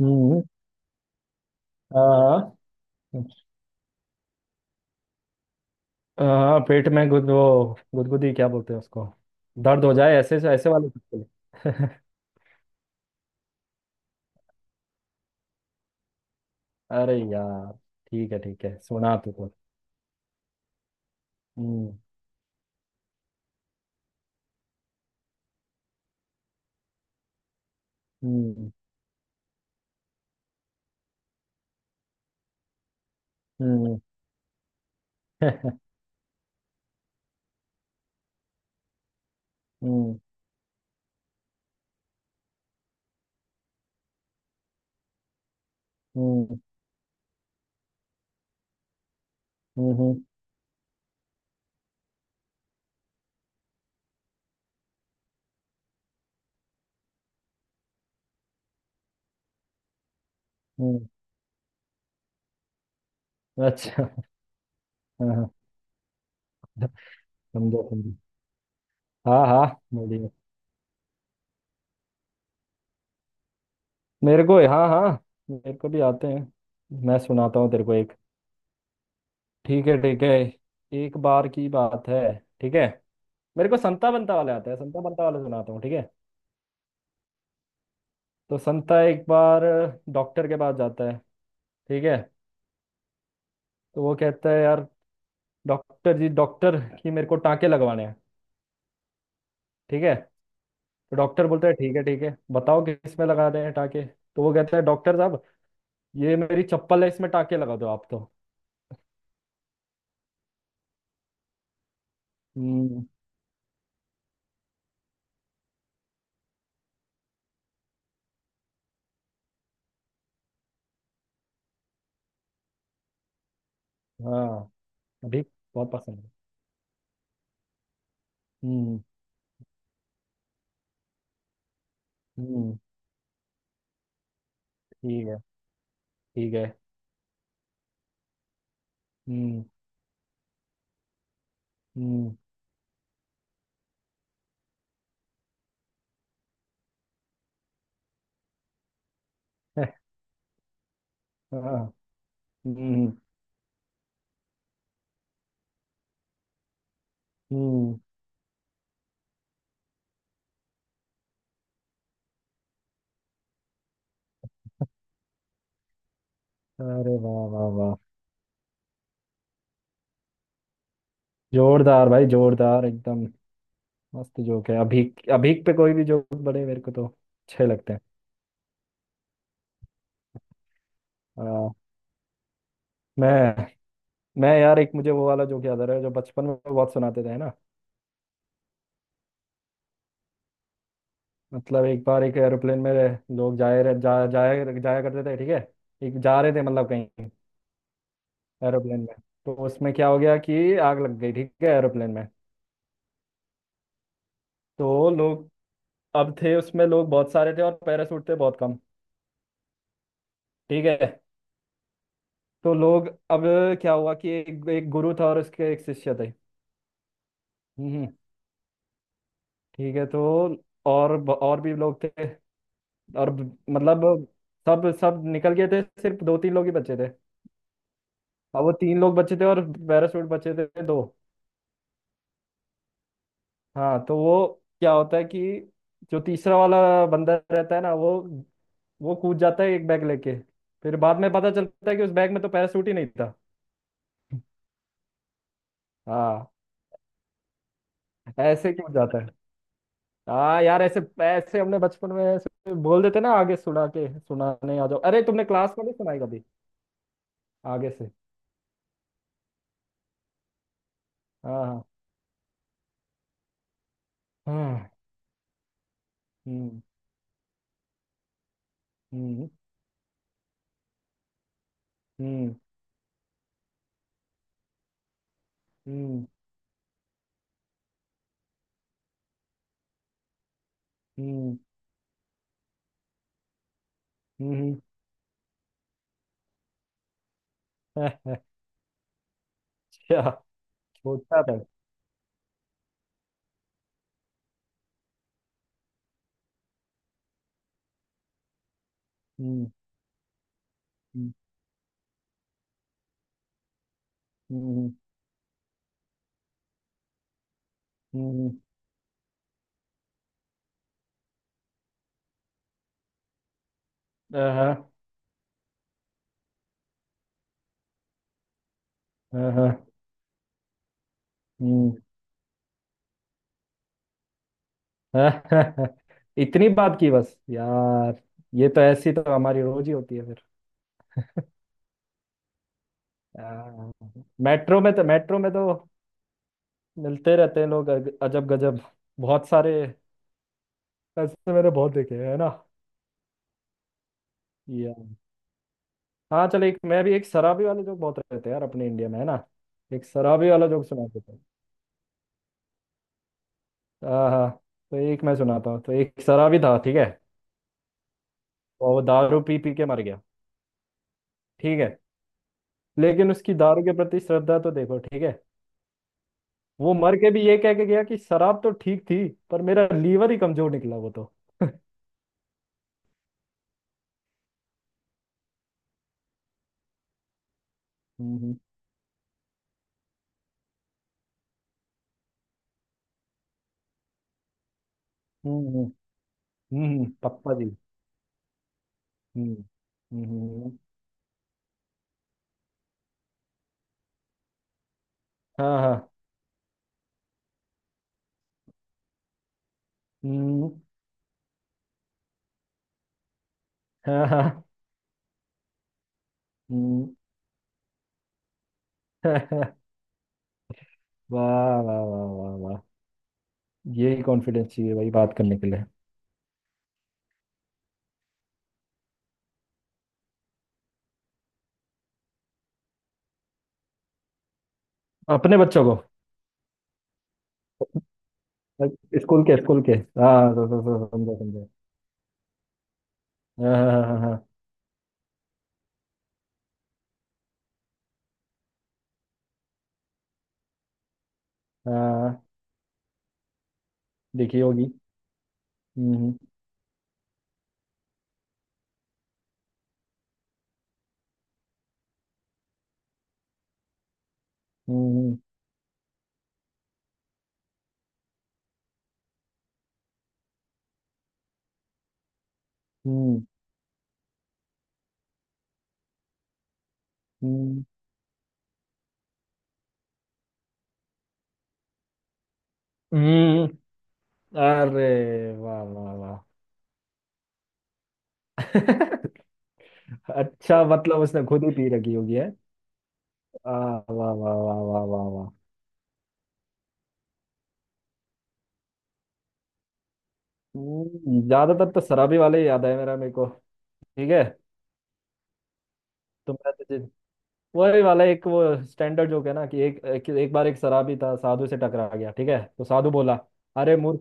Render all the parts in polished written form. हम्म। हाँ। हाँ, पेट में गुद वो गुदगुदी क्या बोलते हैं उसको, दर्द हो जाए ऐसे ऐसे वाले चुटकुले। अरे यार। ठीक है ठीक है, सुना तू तो। हम्म। हम्म। हम्म। हम्म। हम्म। हम्म। हम्म, अच्छा। हाँ, समझो समझो। हाँ हाँ, बोलिए। मेरे को हाँ हाँ, मेरे को भी आते हैं। मैं सुनाता हूँ तेरे को एक। ठीक है ठीक है। एक बार की बात है। ठीक है। मेरे को संता बंता वाले आता है, संता बंता वाले सुनाता हूँ, ठीक है। तो संता एक बार डॉक्टर के पास जाता है, ठीक है। तो वो कहता है, यार डॉक्टर कि मेरे को टाँके लगवाने हैं। ठीक है, तो डॉक्टर बोलता है ठीक है ठीक है, बताओ किस में लगा दें टाँके। तो वो कहता है डॉक्टर साहब, ये मेरी चप्पल है, इसमें टाँके लगा दो आप तो। हम्म। हाँ, अभी बहुत पसंद है। हम्म हम्म। ठीक है ठीक है। हम्म हम्म। हाँ। हम्म हम्म। अरे वाह वाह वाह। जोरदार भाई, जोरदार एकदम। मस्त जोक है, अभीक अभीक पे कोई भी जोक बड़े मेरे को तो अच्छे लगते हैं। आ, मैं मैं यार, एक मुझे वो वाला जोक याद आ रहा है जो बचपन में बहुत सुनाते थे, है ना। मतलब एक बार एक एरोप्लेन में लोग जा जाया जाया करते थे, ठीक है। एक जा रहे थे मतलब कहीं, एरोप्लेन में। तो उसमें क्या हो गया कि आग लग गई, ठीक है, एरोप्लेन में। तो लोग अब थे उसमें, लोग बहुत सारे थे और पैराशूट थे बहुत कम। ठीक है। तो लोग अब क्या हुआ कि एक गुरु था और उसके एक शिष्य थे। हम्म हम्म, ठीक है। तो और भी लोग थे। मतलब सब सब निकल गए थे, सिर्फ दो तीन लोग ही बचे थे। अब वो तीन लोग बचे थे और पैराशूट बचे थे दो। हाँ, तो वो क्या होता है कि जो तीसरा वाला बंदा रहता है ना, वो कूद जाता है एक बैग लेके। फिर बाद में पता चलता है कि उस बैग में तो पैराशूट ही नहीं था। हाँ। ऐसे क्यों जाता है। हाँ यार, ऐसे ऐसे हमने बचपन में ऐसे बोल देते ना, आगे सुना के सुनाने आ जाओ, अरे तुमने क्लास में नहीं सुनाई कभी। आगे से। हाँ हाँ हाँ। हम्म। हम्म। हम्म। हम्म। हम्म। हम्म। अच्छा, छोटा था। हम्म। हम्म। हम्म। हम्म। आहा। आहा। हम्म। इतनी बात की बस यार। ये तो ऐसी तो हमारी रोज ही होती है फिर। आह। मेट्रो में तो, मिलते रहते हैं लोग अजब गजब, बहुत सारे। ऐसे मैंने बहुत देखे हैं, है ना। हाँ चल, एक मैं भी, एक शराबी वाले जोक बहुत रहते हैं यार अपने इंडिया में, है ना। एक शराबी वाला जोक सुना देता हूँ। हाँ हाँ। तो एक मैं सुनाता हूँ, तो एक शराबी था, ठीक है। और वो दारू पी पी के मर गया। ठीक है। लेकिन उसकी दारू के प्रति श्रद्धा तो देखो, ठीक है। वो मर के भी ये कह के गया कि शराब तो ठीक थी, पर मेरा लीवर ही कमजोर निकला वो तो। हम्म। हम्म। हम्म। पप्पा जी। हम्म। हम्म। हाँ हाँ। हम्म। हाँ हाँ। हम्म। वाह वाह वाह वाह वाह। यही कॉन्फिडेंस चाहिए भाई, बात करने के लिए। अपने बच्चों को। स्कूल के। हाँ तो, समझा समझा। हाँ हाँ हाँ हाँ हाँ, हाँ, देखी होगी। हम्म। हम्म। हम्म। हम्म। हम्म। हम्म। अरे वाह वाह वाह। अच्छा, मतलब उसने खुद ही पी रखी होगी है। आ, वाह वाह वाह वाह वाह वाह। ज्यादातर तो शराबी वाले ही याद है मेरा मेरे को। ठीक है। तो मैं तुझे वही वाला एक वो स्टैंडर्ड जोक है ना कि एक एक, एक बार एक शराबी था, साधु से टकरा गया, ठीक है, तो साधु बोला, अरे मूर्ख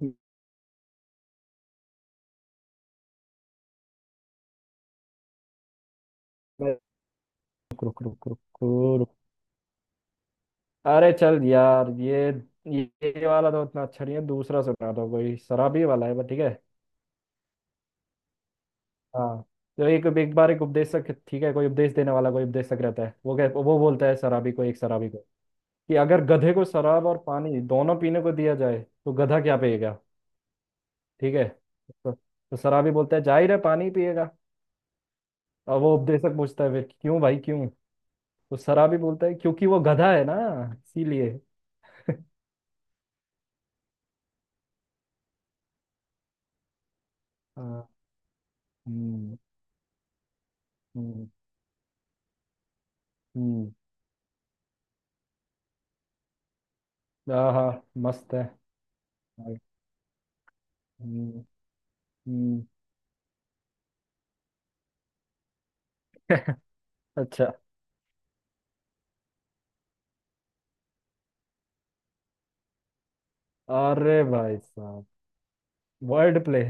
मैं- रुक रुक रुक रुक रुक। अरे चल यार, ये वाला तो उतना अच्छा नहीं है, दूसरा सुना दो कोई शराबी वाला है बट, ठीक है। हाँ। तो एक एक बार एक उपदेशक, ठीक है, कोई उपदेश देने वाला कोई उपदेशक रहता है, वो बोलता है शराबी को, एक शराबी को, कि अगर गधे को शराब और पानी दोनों पीने को दिया जाए तो गधा क्या पिएगा। ठीक है। तो शराबी बोलता है जाहिर है पानी पिएगा। और वो उपदेशक पूछता है फिर क्यों भाई क्यों। तो सरा भी बोलता है क्योंकि वो गधा है ना, इसीलिए। हाँ। हम्म। हम्म। हम्म, आहा, मस्त है। हम्म। हम्म, अच्छा। अरे भाई साहब। Word play.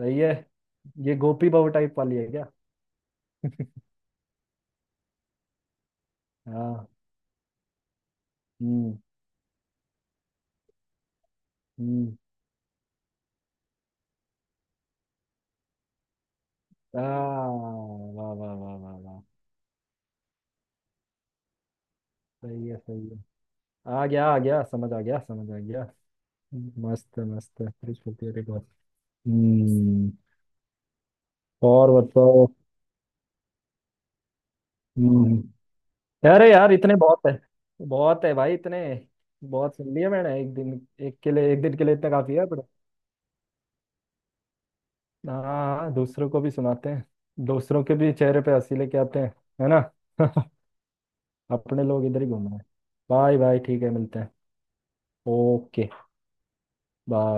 सही है। ये गोपी बहू टाइप वाली है क्या। हाँ। हम्म। हम्म। आ वाह वाह वाह वाह वाह। सही है सही है। आ गया आ गया, समझ आ गया, समझ आ गया। मस्त है, मस्त है। Rich होती है, देखो। हम्म। और बताओ। हम्म। अरे यार, इतने बहुत है। बहुत है भाई, इतने। बहुत सुन लिए मैंने एक दिन। एक दिन के लिए इतना काफी है पर। हाँ हाँ, दूसरों को भी सुनाते हैं। दूसरों के भी चेहरे पे हंसी लेके आते हैं, है ना। अपने लोग इधर ही घूम रहे हैं। बाय बाय, ठीक है, मिलते हैं। ओके। बाय।